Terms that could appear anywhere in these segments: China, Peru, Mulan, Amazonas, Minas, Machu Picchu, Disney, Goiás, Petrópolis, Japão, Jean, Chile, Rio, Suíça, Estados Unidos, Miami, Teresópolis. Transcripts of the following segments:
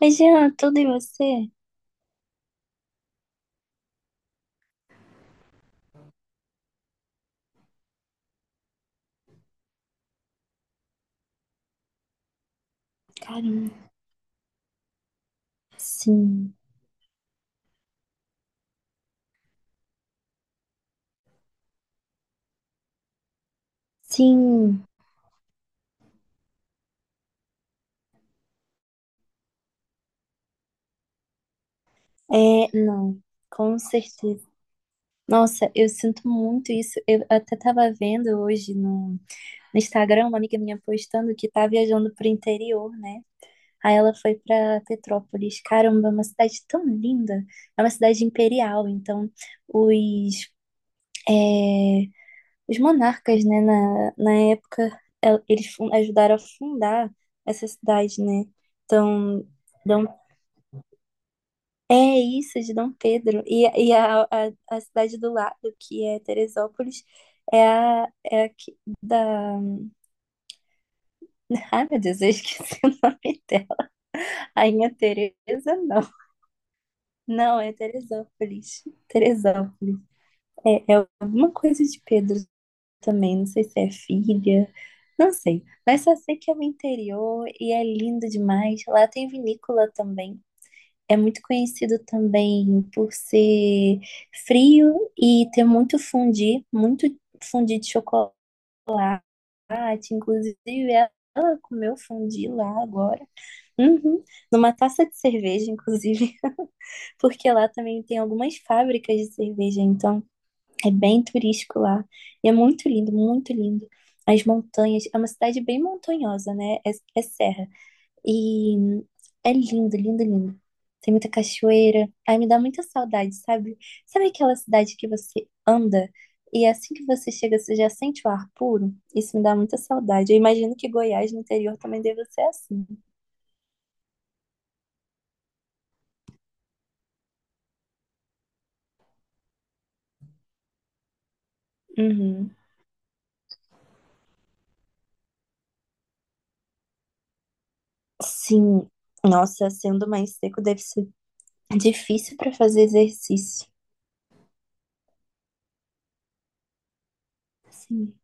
Imagina tudo em você. Caramba. Sim. Sim. É, não. Com certeza. Nossa, eu sinto muito isso. Eu até tava vendo hoje no Instagram uma amiga minha postando que tá viajando pro interior, né? Aí ela foi pra Petrópolis. Caramba, é uma cidade tão linda. É uma cidade imperial, então os, os monarcas, né, na época, eles ajudaram a fundar essa cidade, né? Então, dão É isso, de Dom Pedro. E a cidade do lado, que é Teresópolis, é a da. Ai, meu Deus, eu esqueci o nome dela. Rainha Teresa, não. Não, é Teresópolis. Teresópolis. É alguma coisa de Pedro também. Não sei se é filha. Não sei. Mas só sei que é o interior e é lindo demais. Lá tem vinícola também. É muito conhecido também por ser frio e ter muito fondue de chocolate. Inclusive, ela comeu fondue lá agora. Uhum. Numa taça de cerveja, inclusive, porque lá também tem algumas fábricas de cerveja, então é bem turístico lá. E é muito lindo, muito lindo. As montanhas, é uma cidade bem montanhosa, né? É serra. E é lindo, lindo, lindo. Tem muita cachoeira. Ai, me dá muita saudade, sabe? Sabe aquela cidade que você anda e assim que você chega, você já sente o ar puro? Isso me dá muita saudade. Eu imagino que Goiás, no interior, também deve ser assim. Uhum. Sim. Nossa, sendo mais seco, deve ser difícil para fazer exercício. Sim.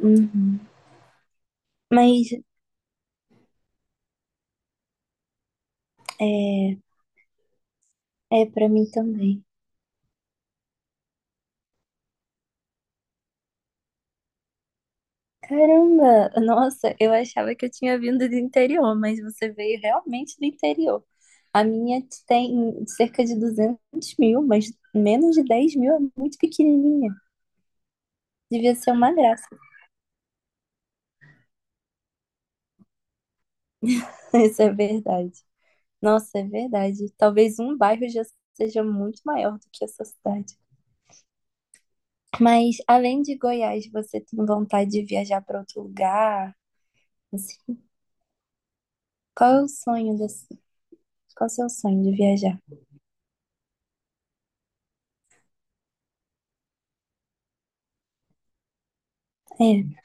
Uhum. Mas é, é para mim também. Caramba, nossa, eu achava que eu tinha vindo do interior, mas você veio realmente do interior. A minha tem cerca de 200 mil, mas menos de 10 mil é muito pequenininha. Devia ser uma graça. Isso é verdade. Nossa, é verdade. Talvez um bairro já seja muito maior do que essa cidade. Mas além de Goiás, você tem vontade de viajar para outro lugar? Assim, qual é o sonho desse? Qual é o seu sonho de viajar? É,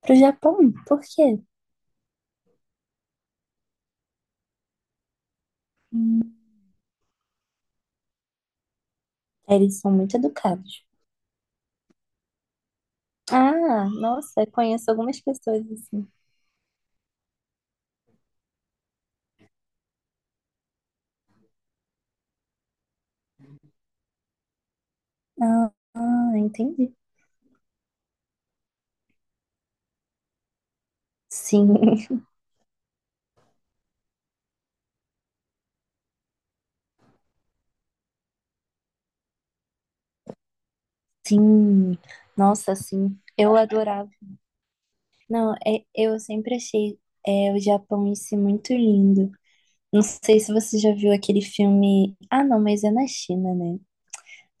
pro Japão? Por quê? Eles são muito educados. Ah, nossa, conheço algumas pessoas assim. Ah, entendi. Sim, sim. Nossa, sim. Eu adorava. Não, eu sempre achei o Japão em si muito lindo. Não sei se você já viu aquele filme. Ah, não, mas é na China, né?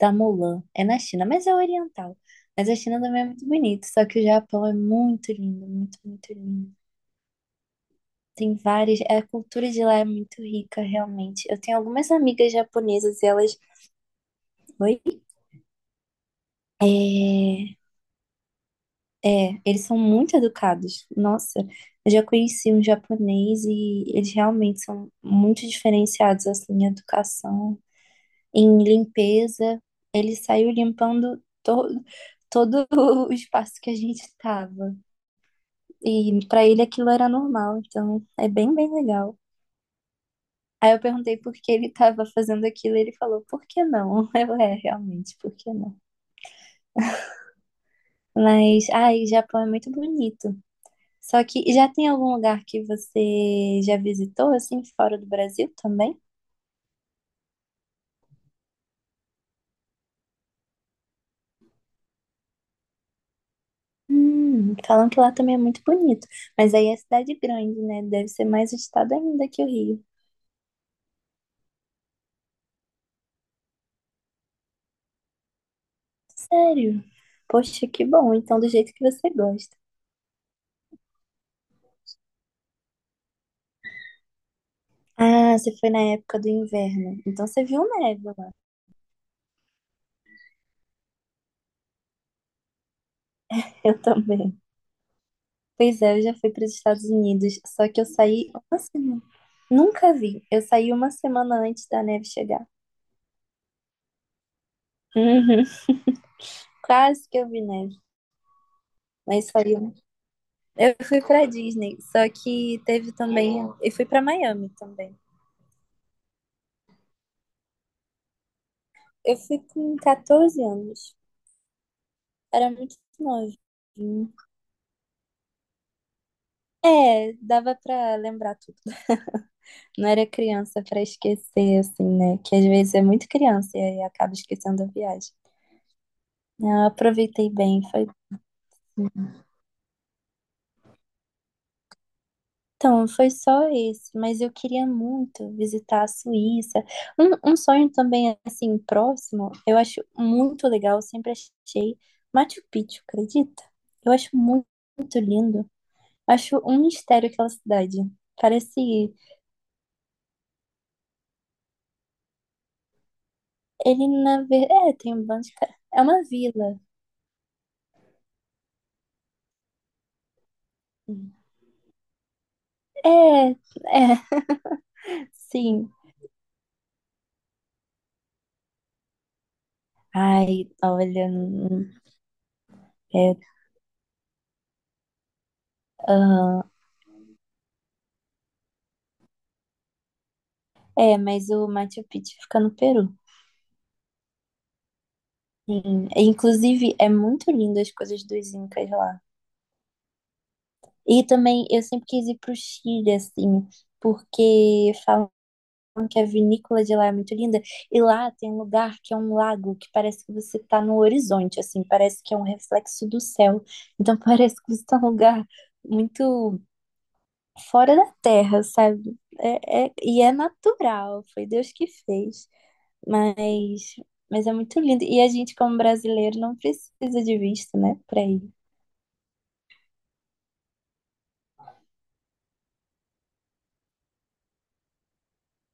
Da Mulan. É na China, mas é oriental. Mas a China também é muito bonito. Só que o Japão é muito lindo, muito, muito lindo. Tem várias. A cultura de lá é muito rica, realmente. Eu tenho algumas amigas japonesas e elas. Oi? É, é, eles são muito educados. Nossa, eu já conheci um japonês e eles realmente são muito diferenciados, assim, em educação, em limpeza. Ele saiu limpando todo o espaço que a gente estava. E para ele aquilo era normal, então é bem, bem legal. Aí eu perguntei por que ele estava fazendo aquilo, e ele falou, por que não? Realmente, por que não? Mas, ai, Japão é muito bonito. Só que já tem algum lugar que você já visitou, assim, fora do Brasil também? Falam que lá também é muito bonito. Mas aí é cidade grande, né? Deve ser mais estado ainda que o Rio. Sério? Poxa, que bom. Então, do jeito que você gosta. Ah, você foi na época do inverno. Então, você viu neve lá. Eu também. Pois é, eu já fui para os Estados Unidos, só que eu saí uma semana. Nunca vi. Eu saí uma semana antes da neve chegar. Uhum. Quase que eu vi neve, mas saiu. Eu fui para Disney, só que teve também. Eu fui para Miami também. Eu fui com 14 anos. Era muito novo. É, dava pra lembrar tudo. Não era criança pra esquecer, assim, né? Que às vezes é muito criança e aí acaba esquecendo a viagem. Eu aproveitei bem, foi. Então, foi só esse, mas eu queria muito visitar a Suíça. Um sonho também, assim, próximo, eu acho muito legal, eu sempre achei Machu Picchu, acredita? Eu acho muito, muito lindo. Acho um mistério aquela cidade. Parece ele na ver... É, tem um bando de... ca- É uma vila. É, sim. Ai, olha, é, aham. É, mas o Machu Picchu fica no Peru. Sim. Inclusive, é muito lindo as coisas dos Incas lá. E também eu sempre quis ir pro Chile, assim, porque falam que a vinícola de lá é muito linda. E lá tem um lugar que é um lago que parece que você tá no horizonte, assim, parece que é um reflexo do céu. Então parece que você tá num lugar muito fora da terra, sabe? E é natural, foi Deus que fez. Mas, mas é muito lindo. E a gente, como brasileiro, não precisa de visto, né, pra ir.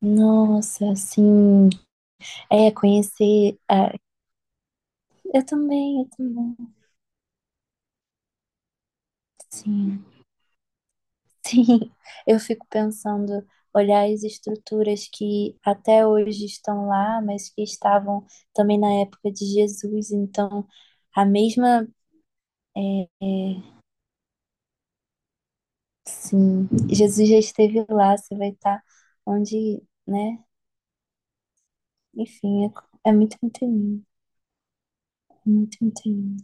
Nossa, assim, conhecer. Ah, eu também, sim, sim. Eu fico pensando, olhar as estruturas que até hoje estão lá, mas que estavam também na época de Jesus. Então, a mesma, é, sim, Jesus já esteve lá, você vai estar onde, né? Enfim, é muito, muito lindo, muito, muito lindo.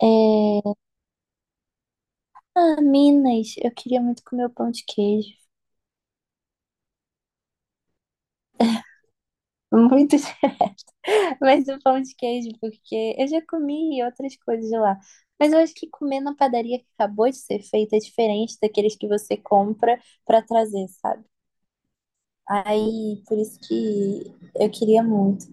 É, ah, Minas, eu queria muito comer o pão de queijo. Muito Mas o pão de queijo, porque eu já comi outras coisas lá. Mas eu acho que comer na padaria que acabou de ser feita é diferente daqueles que você compra pra trazer, sabe? Aí, por isso que eu queria muito.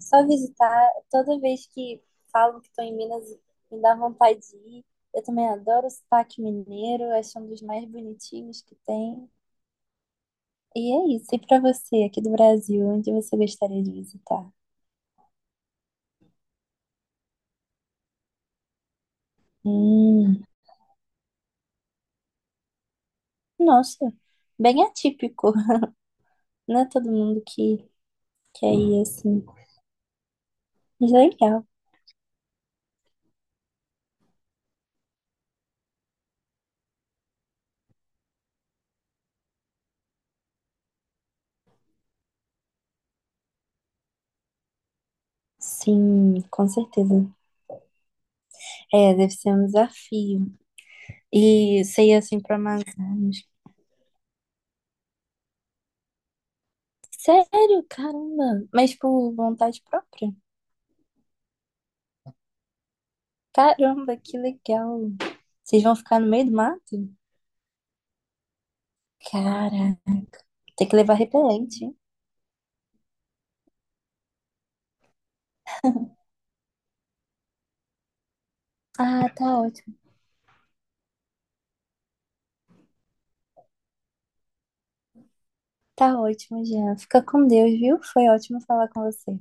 Só visitar, toda vez que falam que estou em Minas, me dá vontade de ir. Eu também adoro o sotaque mineiro, acho um dos mais bonitinhos que tem. E é isso. E pra você, aqui do Brasil, onde você gostaria de visitar? Hum, Nossa, bem atípico. Não é todo mundo que quer ir assim. Mas legal. Sim, com certeza. É, deve ser um desafio. E você ir assim pra Amazonas. Sério? Caramba! Mas por vontade própria? Caramba, que legal! Vocês vão ficar no meio do mato? Caraca, tem que levar repelente, hein? Ah, tá ótimo. Tá ótimo, Jean. Fica com Deus, viu? Foi ótimo falar com você.